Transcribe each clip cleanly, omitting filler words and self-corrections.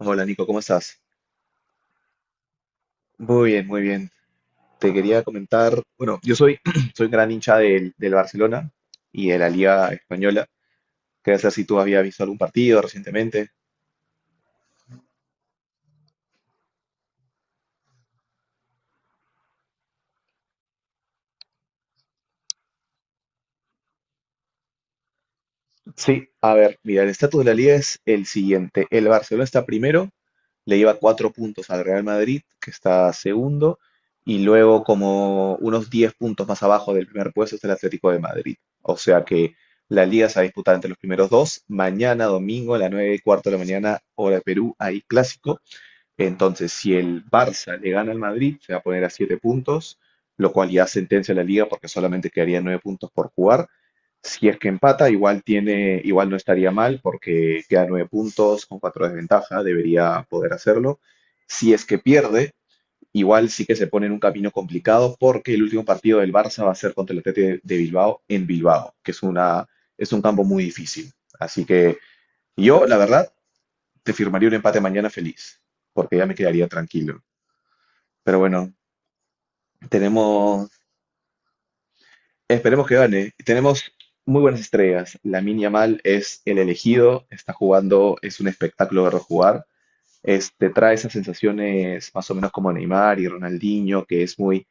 Hola Nico, ¿cómo estás? Muy bien, muy bien. Te quería comentar, bueno, yo soy, soy un gran hincha del Barcelona y de la Liga Española. Quería saber si tú habías visto algún partido recientemente. Sí, a ver, mira, el estatus de la liga es el siguiente. El Barcelona está primero, le lleva cuatro puntos al Real Madrid, que está segundo, y luego como unos 10 puntos más abajo del primer puesto está el Atlético de Madrid. O sea que la liga se va a disputar entre los primeros dos. Mañana, domingo, a las 9 y cuarto de la mañana, hora de Perú, hay clásico. Entonces, si el Barça le gana al Madrid, se va a poner a 7 puntos, lo cual ya sentencia la liga porque solamente quedarían 9 puntos por jugar. Si es que empata, igual tiene, igual no estaría mal porque queda 9 puntos con 4 de ventaja, debería poder hacerlo. Si es que pierde, igual sí que se pone en un camino complicado porque el último partido del Barça va a ser contra el Athletic de Bilbao en Bilbao, que es una, es un campo muy difícil. Así que yo, la verdad, te firmaría un empate mañana feliz, porque ya me quedaría tranquilo. Pero bueno, tenemos, esperemos que gane. Tenemos muy buenas estrellas. Lamine Yamal es el elegido, está jugando, es un espectáculo verlo jugar. Este, trae esas sensaciones más o menos como Neymar y Ronaldinho, que es muy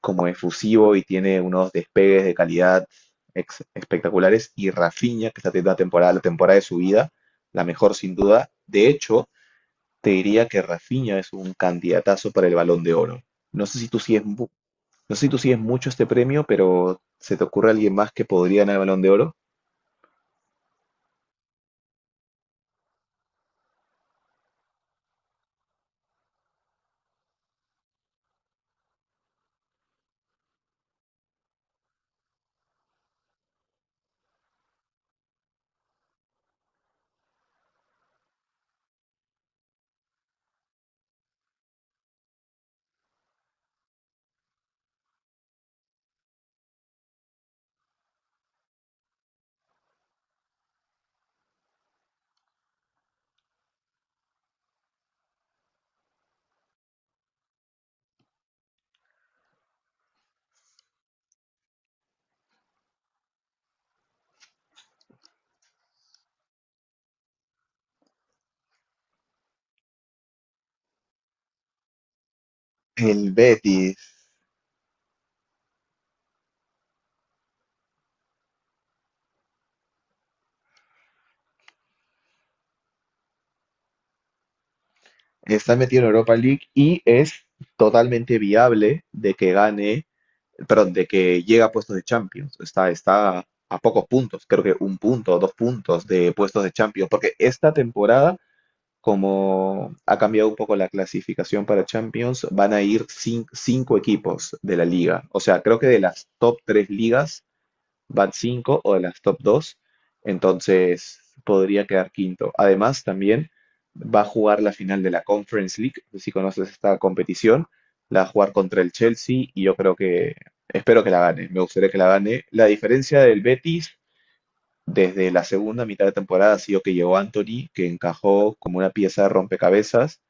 como efusivo y tiene unos despegues de calidad espectaculares. Y Rafinha, que está teniendo la temporada de su vida, la mejor sin duda. De hecho, te diría que Rafinha es un candidatazo para el Balón de Oro. No sé si tú sigues, no sé si tú sigues mucho este premio, pero ¿se te ocurre alguien más que podría ganar el Balón de Oro? El Betis está metido en Europa League y es totalmente viable de que gane, perdón, de que llegue a puestos de Champions. Está, está a pocos puntos, creo que un punto o dos puntos de puestos de Champions, porque esta temporada como ha cambiado un poco la clasificación para Champions, van a ir cinco equipos de la liga. O sea, creo que de las top tres ligas van cinco o de las top dos, entonces podría quedar quinto. Además, también va a jugar la final de la Conference League, si conoces esta competición, la va a jugar contra el Chelsea y yo creo que, espero que la gane, me gustaría que la gane. La diferencia del Betis desde la segunda mitad de temporada ha sido que llegó Anthony, que encajó como una pieza de rompecabezas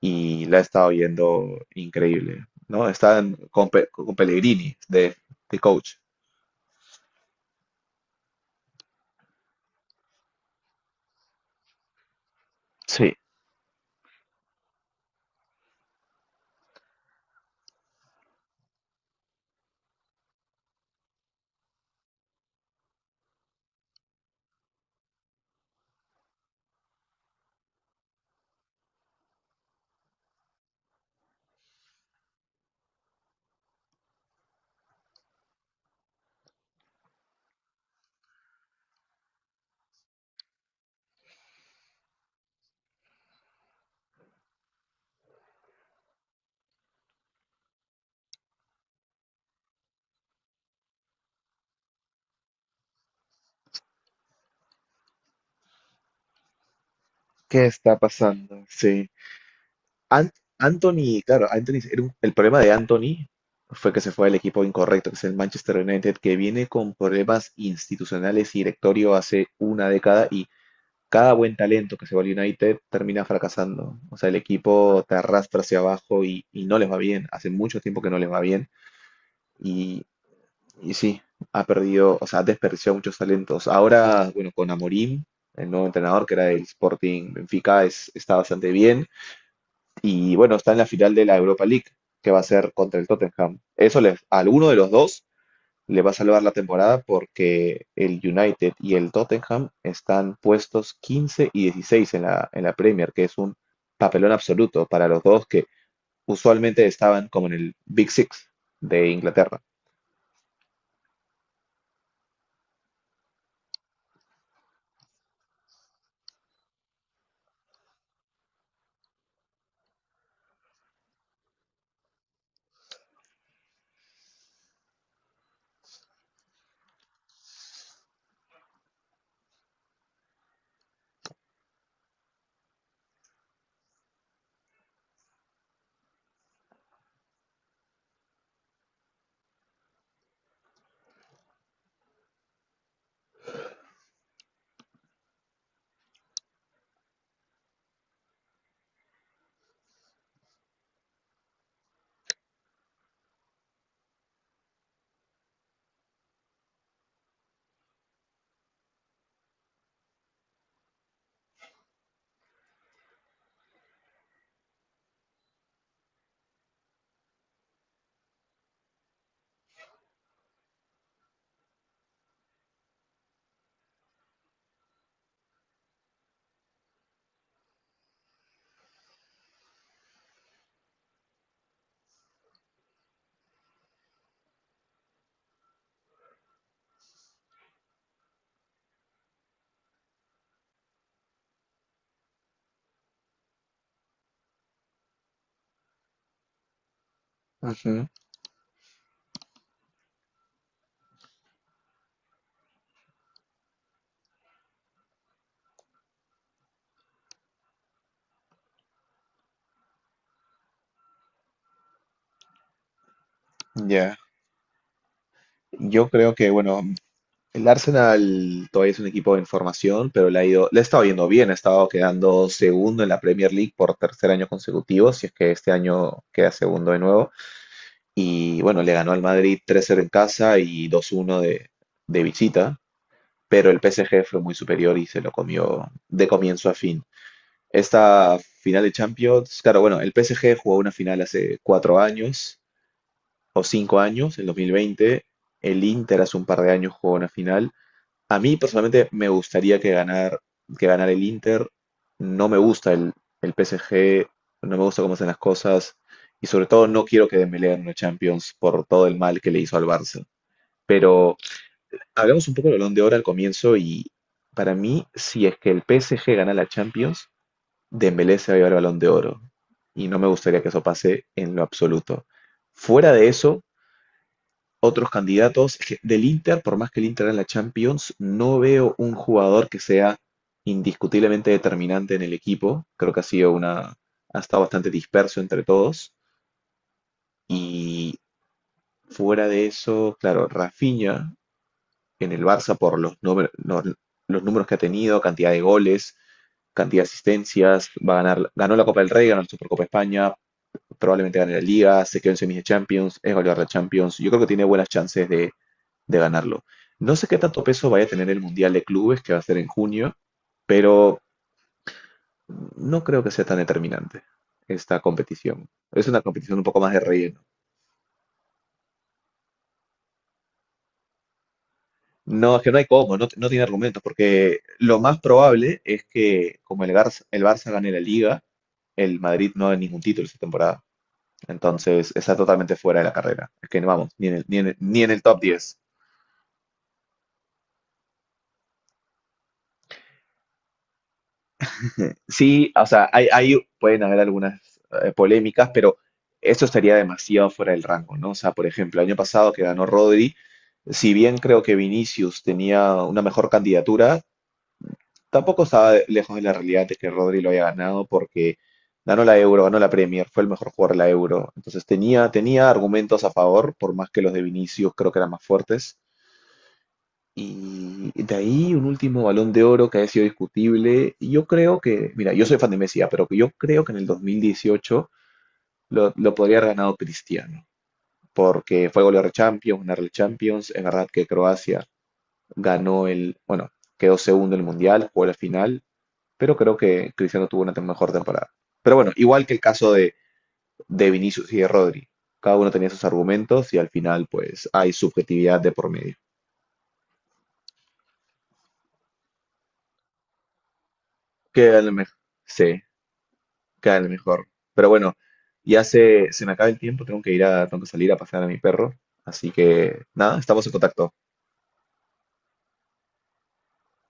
y la ha estado yendo increíble, ¿no? Están con, con Pellegrini de coach. Sí. ¿Qué está pasando? Sí. An- Anthony, claro, Anthony, era el problema de Anthony fue que se fue al equipo incorrecto, que es el Manchester United, que viene con problemas institucionales y directorio hace una década. Cada buen talento que se va al United termina fracasando. O sea, el equipo te arrastra hacia abajo y no les va bien. Hace mucho tiempo que no les va bien. Y, y sí, ha perdido, o sea, ha desperdiciado muchos talentos. Ahora, bueno, con Amorim, el nuevo entrenador que era del Sporting Benfica, es, está bastante bien. Y bueno, está en la final de la Europa League, que va a ser contra el Tottenham. Eso les, a alguno de los dos le va a salvar la temporada porque el United y el Tottenham están puestos 15 y 16 en la Premier, que es un papelón absoluto para los dos que usualmente estaban como en el Big Six de Inglaterra. Ujú. Ya, yo creo que, bueno, el Arsenal todavía es un equipo en formación, pero le ha ido, le ha estado yendo bien, ha estado quedando segundo en la Premier League por tercer año consecutivo, si es que este año queda segundo de nuevo. Y bueno, le ganó al Madrid 3-0 en casa y 2-1 de visita, pero el PSG fue muy superior y se lo comió de comienzo a fin. Esta final de Champions, claro, bueno, el PSG jugó una final hace cuatro años o cinco años, en 2020. El Inter hace un par de años jugó una final. A mí personalmente me gustaría que ganar, que ganara el Inter. No me gusta el PSG, no me gusta cómo hacen las cosas y sobre todo no quiero que Dembélé gane una Champions por todo el mal que le hizo al Barça. Pero hablamos un poco del Balón de Oro al comienzo y para mí si es que el PSG gana la Champions, Dembélé se va a llevar el Balón de Oro y no me gustaría que eso pase en lo absoluto. Fuera de eso, otros candidatos del Inter, por más que el Inter en la Champions, no veo un jugador que sea indiscutiblemente determinante en el equipo. Creo que ha sido una, ha estado bastante disperso entre todos. Y fuera de eso, claro, Rafinha en el Barça por los, los números que ha tenido, cantidad de goles, cantidad de asistencias, va a ganar, ganó la Copa del Rey, ganó la Supercopa de España, probablemente gane la Liga, se quedó en semis de Champions, es goleador de Champions. Yo creo que tiene buenas chances de ganarlo. No sé qué tanto peso vaya a tener el Mundial de Clubes que va a ser en junio, pero no creo que sea tan determinante esta competición. Es una competición un poco más de relleno. No, es que no hay cómo, no, no tiene argumentos, porque lo más probable es que como el Barça gane la Liga, el Madrid no gane ningún título esta temporada. Entonces está totalmente fuera de la carrera. Es que no vamos, ni en el, ni en el top diez. Sí, o sea, hay, pueden haber algunas polémicas, pero esto estaría demasiado fuera del rango, ¿no? O sea, por ejemplo, el año pasado que ganó Rodri, si bien creo que Vinicius tenía una mejor candidatura, tampoco estaba lejos de la realidad de que Rodri lo haya ganado porque ganó la Euro, ganó la Premier, fue el mejor jugador de la Euro. Entonces tenía, tenía argumentos a favor, por más que los de Vinicius creo que eran más fuertes. Y de ahí un último Balón de Oro que ha sido discutible. Y yo creo que, mira, yo soy fan de Messi, ya, pero que yo creo que en el 2018 lo podría haber ganado Cristiano, porque fue goleador de Champions, ganar el Champions. En verdad que Croacia ganó el, bueno, quedó segundo en el Mundial, jugó la final, pero creo que Cristiano tuvo una mejor temporada. Pero bueno, igual que el caso de Vinicius y de Rodri, cada uno tenía sus argumentos y al final pues hay subjetividad de por medio. Que a lo mejor, sí. Claro, mejor. Pero bueno, ya se me acaba el tiempo, tengo que ir a, tengo que salir a pasear a mi perro. Así que nada, estamos en contacto.